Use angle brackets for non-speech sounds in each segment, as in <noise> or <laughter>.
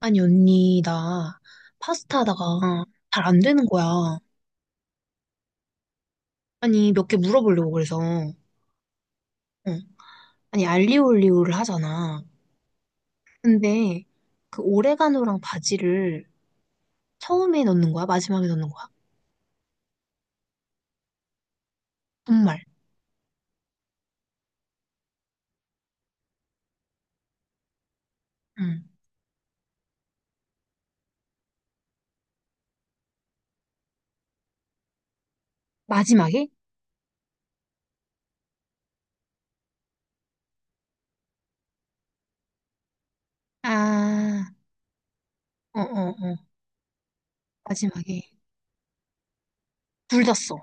아니, 언니, 나 파스타 하다가 잘 안 되는 거야. 아니, 몇 개 물어보려고 그래서. 응. 아니, 알리올리오를 하잖아. 근데 그 오레가노랑 바지를 처음에 넣는 거야? 마지막에 넣는 거야? 정말. 응. 마지막에? 아, 어, 어, 어. 마지막에. 둘 다 써.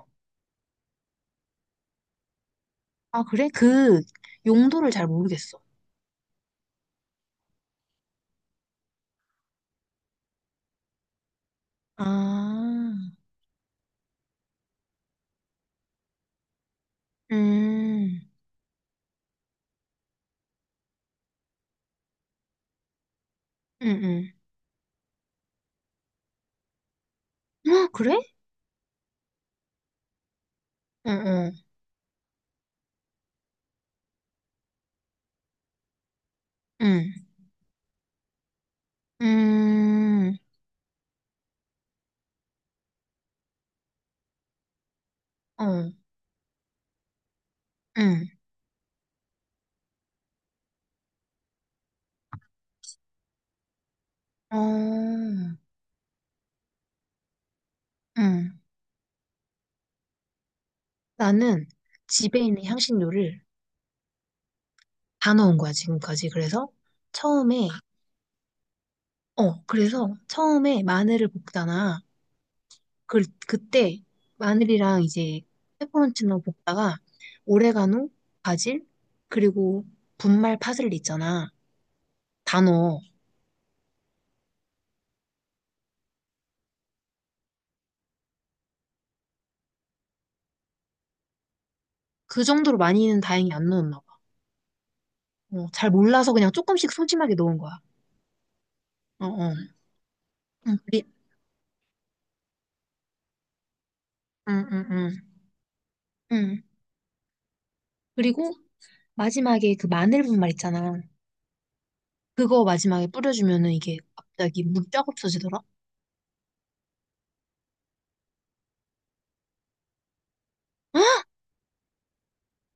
아, 그래? 그 용도를 잘 모르겠어. 아, 음, 음, 아, 그래? 응, 응, 응, 음, 어. 응, 어, 응, 나는 집에 있는 향신료를 다 넣은 거야, 지금까지. 처음에, 그래서 처음에 마늘을 볶잖아. 그, 그때 마늘이랑 이제 페퍼론치노 볶다가 오레가노, 바질, 그리고 분말 파슬리 있잖아. 다 넣어. 그 정도로 많이는 다행히 안 넣었나 봐. 어, 잘 몰라서 그냥 조금씩 소심하게 넣은 거야. 어, 어. 응, 응, 응, 응. 응, 그리고 마지막에 그 마늘 분말 있잖아. 그거 마지막에 뿌려주면은 이게 갑자기 물이 쫙 없어지더라?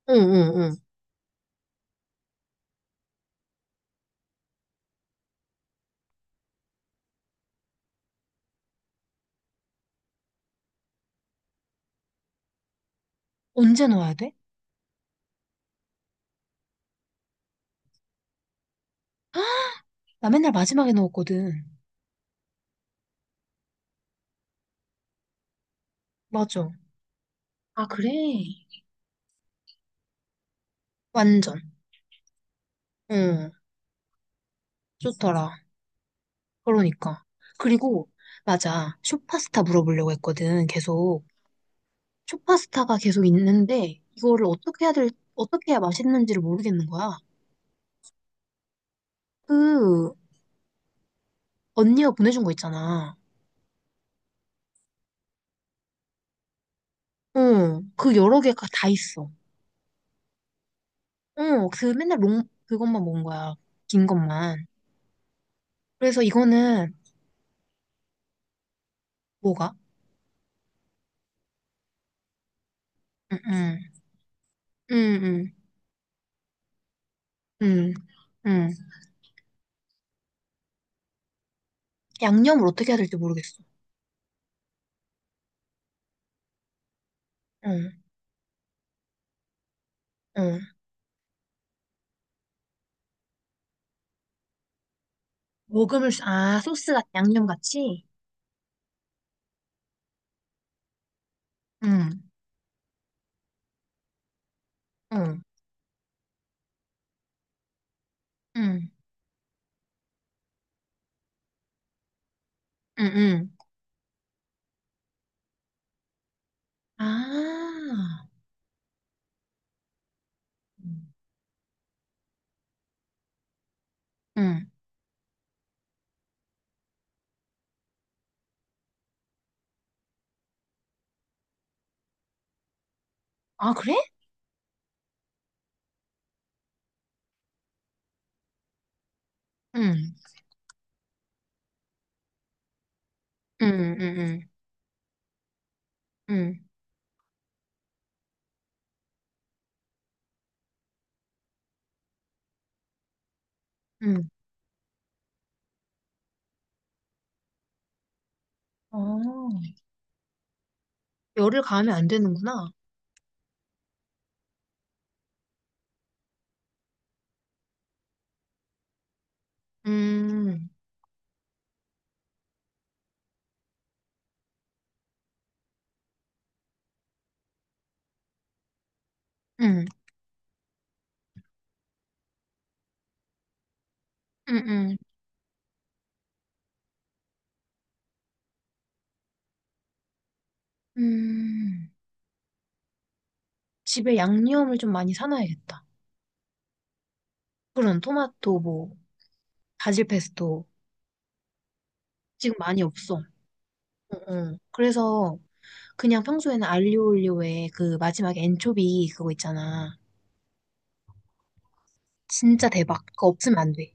응, 응, 응. 언제 넣어야 돼? 나 맨날 마지막에 넣었거든. 맞아. 아, 그래? 완전. 응. 좋더라. 그러니까. 그리고, 맞아. 쇼파스타 물어보려고 했거든. 계속. 쇼파스타가 계속 있는데, 이거를 어떻게 해야 맛있는지를 모르겠는 거야. 그, 언니가 보내준 거 있잖아. 응. 그 여러 개가 다 있어. 어, 그 맨날 롱, 그것만 먹은 거야. 긴 것만. 그래서 이거는 뭐가? 응, 응, 응, 응, 응, 응. 양념을 어떻게 해야 될지 모르겠어. 응, 응. 아, 양념 같이? 응, 응, 응, 응, 응. 아, 응. 아, 그래? 응, 응, 응, 응, 응, 응. 응. 어, 열을 가하면 안 되는구나. 음, 음, 음, 음, 음. 집에 양념을 좀 많이 사놔야겠다. 그런 토마토, 뭐, 바질 페스토. 지금 많이 없어. 어, 어. 그래서 그냥 평소에는 알리오 올리오에 그 마지막에 엔초비 그거 있잖아. 진짜 대박. 그거 없으면 안 돼.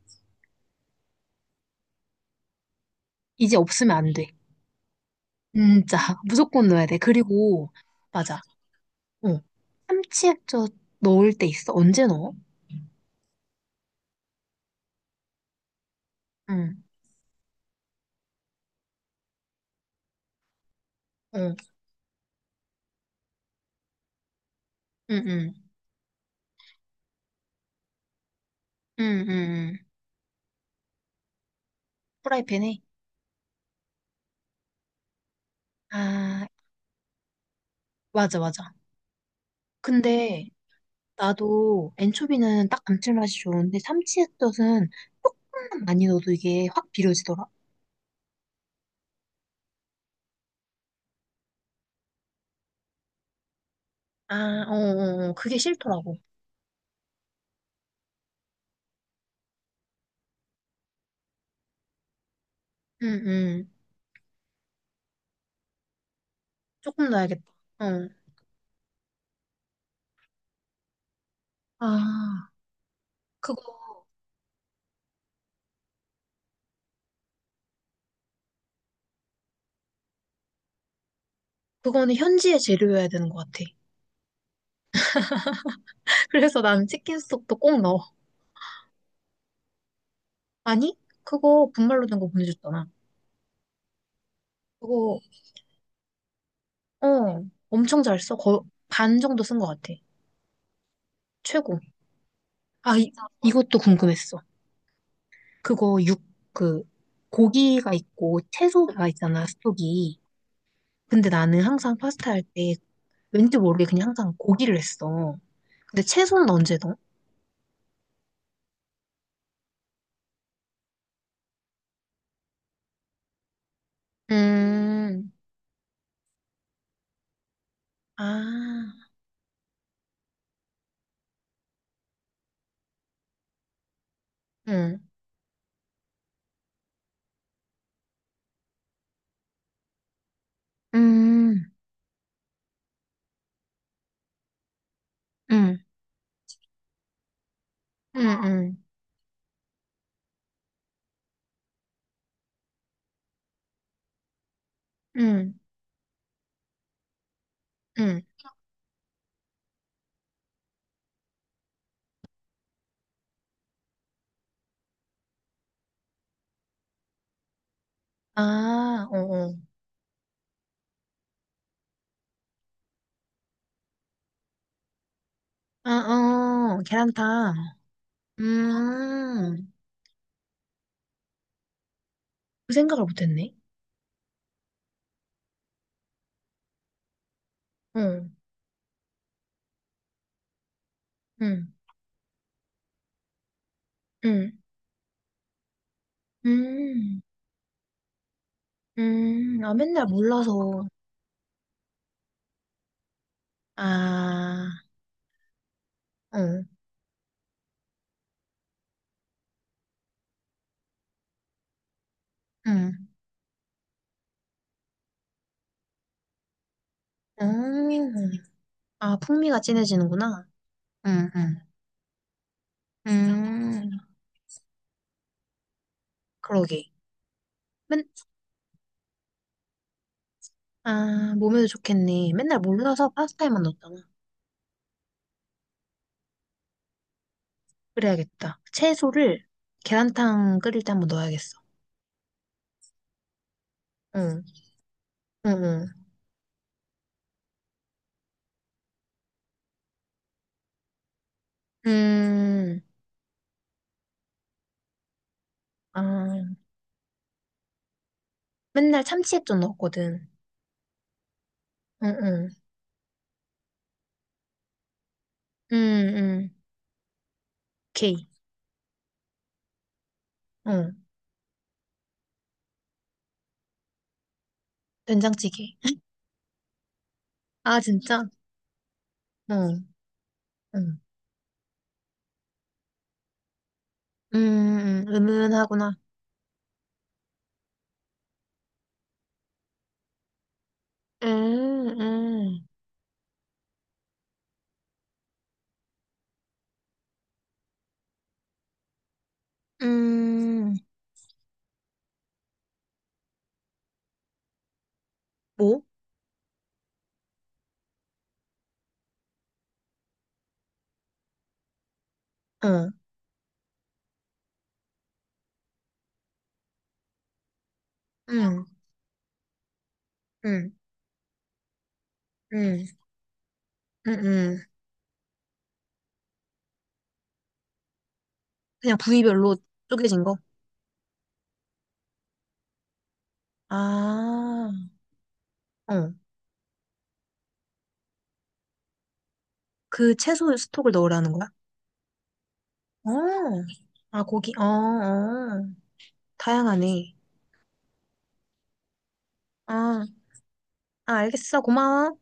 이제 없으면 안 돼. 진짜. <laughs> 무조건 넣어야 돼. 그리고, 맞아. 어. 참치 액젓 넣을 때 있어. 언제 넣어? 응, 응, 응, 응, 응, 응. 응. 프라이팬에? 아, 맞아, 맞아. 근데 나도 엔초비는 딱 감칠맛이 좋은데 참치액젓은 조금만 많이 넣어도 이게 확 비려지더라. 아, 어, 어, 어. 그게 싫더라고. 응, 응. 조금 넣어야겠다. 어. 아, 그거, 그거는 현지의 재료여야 되는 것 같아. <laughs> 그래서 난 치킨 스톡도 꼭 넣어. 아니, 그거 분말로 된 거 보내줬잖아. 그거, 어, 엄청 잘 써. 거의 반 정도 쓴 것 같아. 최고. 아, 이것도 궁금했어. 그거 육, 그, 고기가 있고 채소가 있잖아, 스톡이. 근데 나는 항상 파스타 할 때 왠지 모르게 그냥 항상 고기를 했어. 근데 채소는 언제 넣어? 음, 아, 응, 음, 음, 음, 음, 음, 음, 아, 어, 어. 아, 어, 계란탕. 음, 그 생각을 못했네. 음, 음, 음. 음, 아, 맨날 몰라서. 아. 응, 응. 음. 아, 풍미가 진해지는구나. 응, 응. 음, 그러게. 맨, 아, 몸에도 좋겠네. 맨날 몰라서 파스타에만 넣었잖아. 그래야겠다. 채소를 계란탕 끓일 때 한번 넣어야겠어. 응, 응, 응. 음, 아, 맨날 참치액 좀 넣었거든. 응, 응. 응, 응. 오케이. 응. 된장찌개. <laughs> 아, 진짜? 응, 응. 은은하구나. 음, 음. 음, 뭐? 어, 응, 응, 응, 응, 응. 그냥 부위별로 쪼개진 거? 아, 어. 그 채소 스톡을 넣으라는 거야? 어, 아, 고기, 어, 어. 다양하네. 아, 아, 알겠어. 고마워.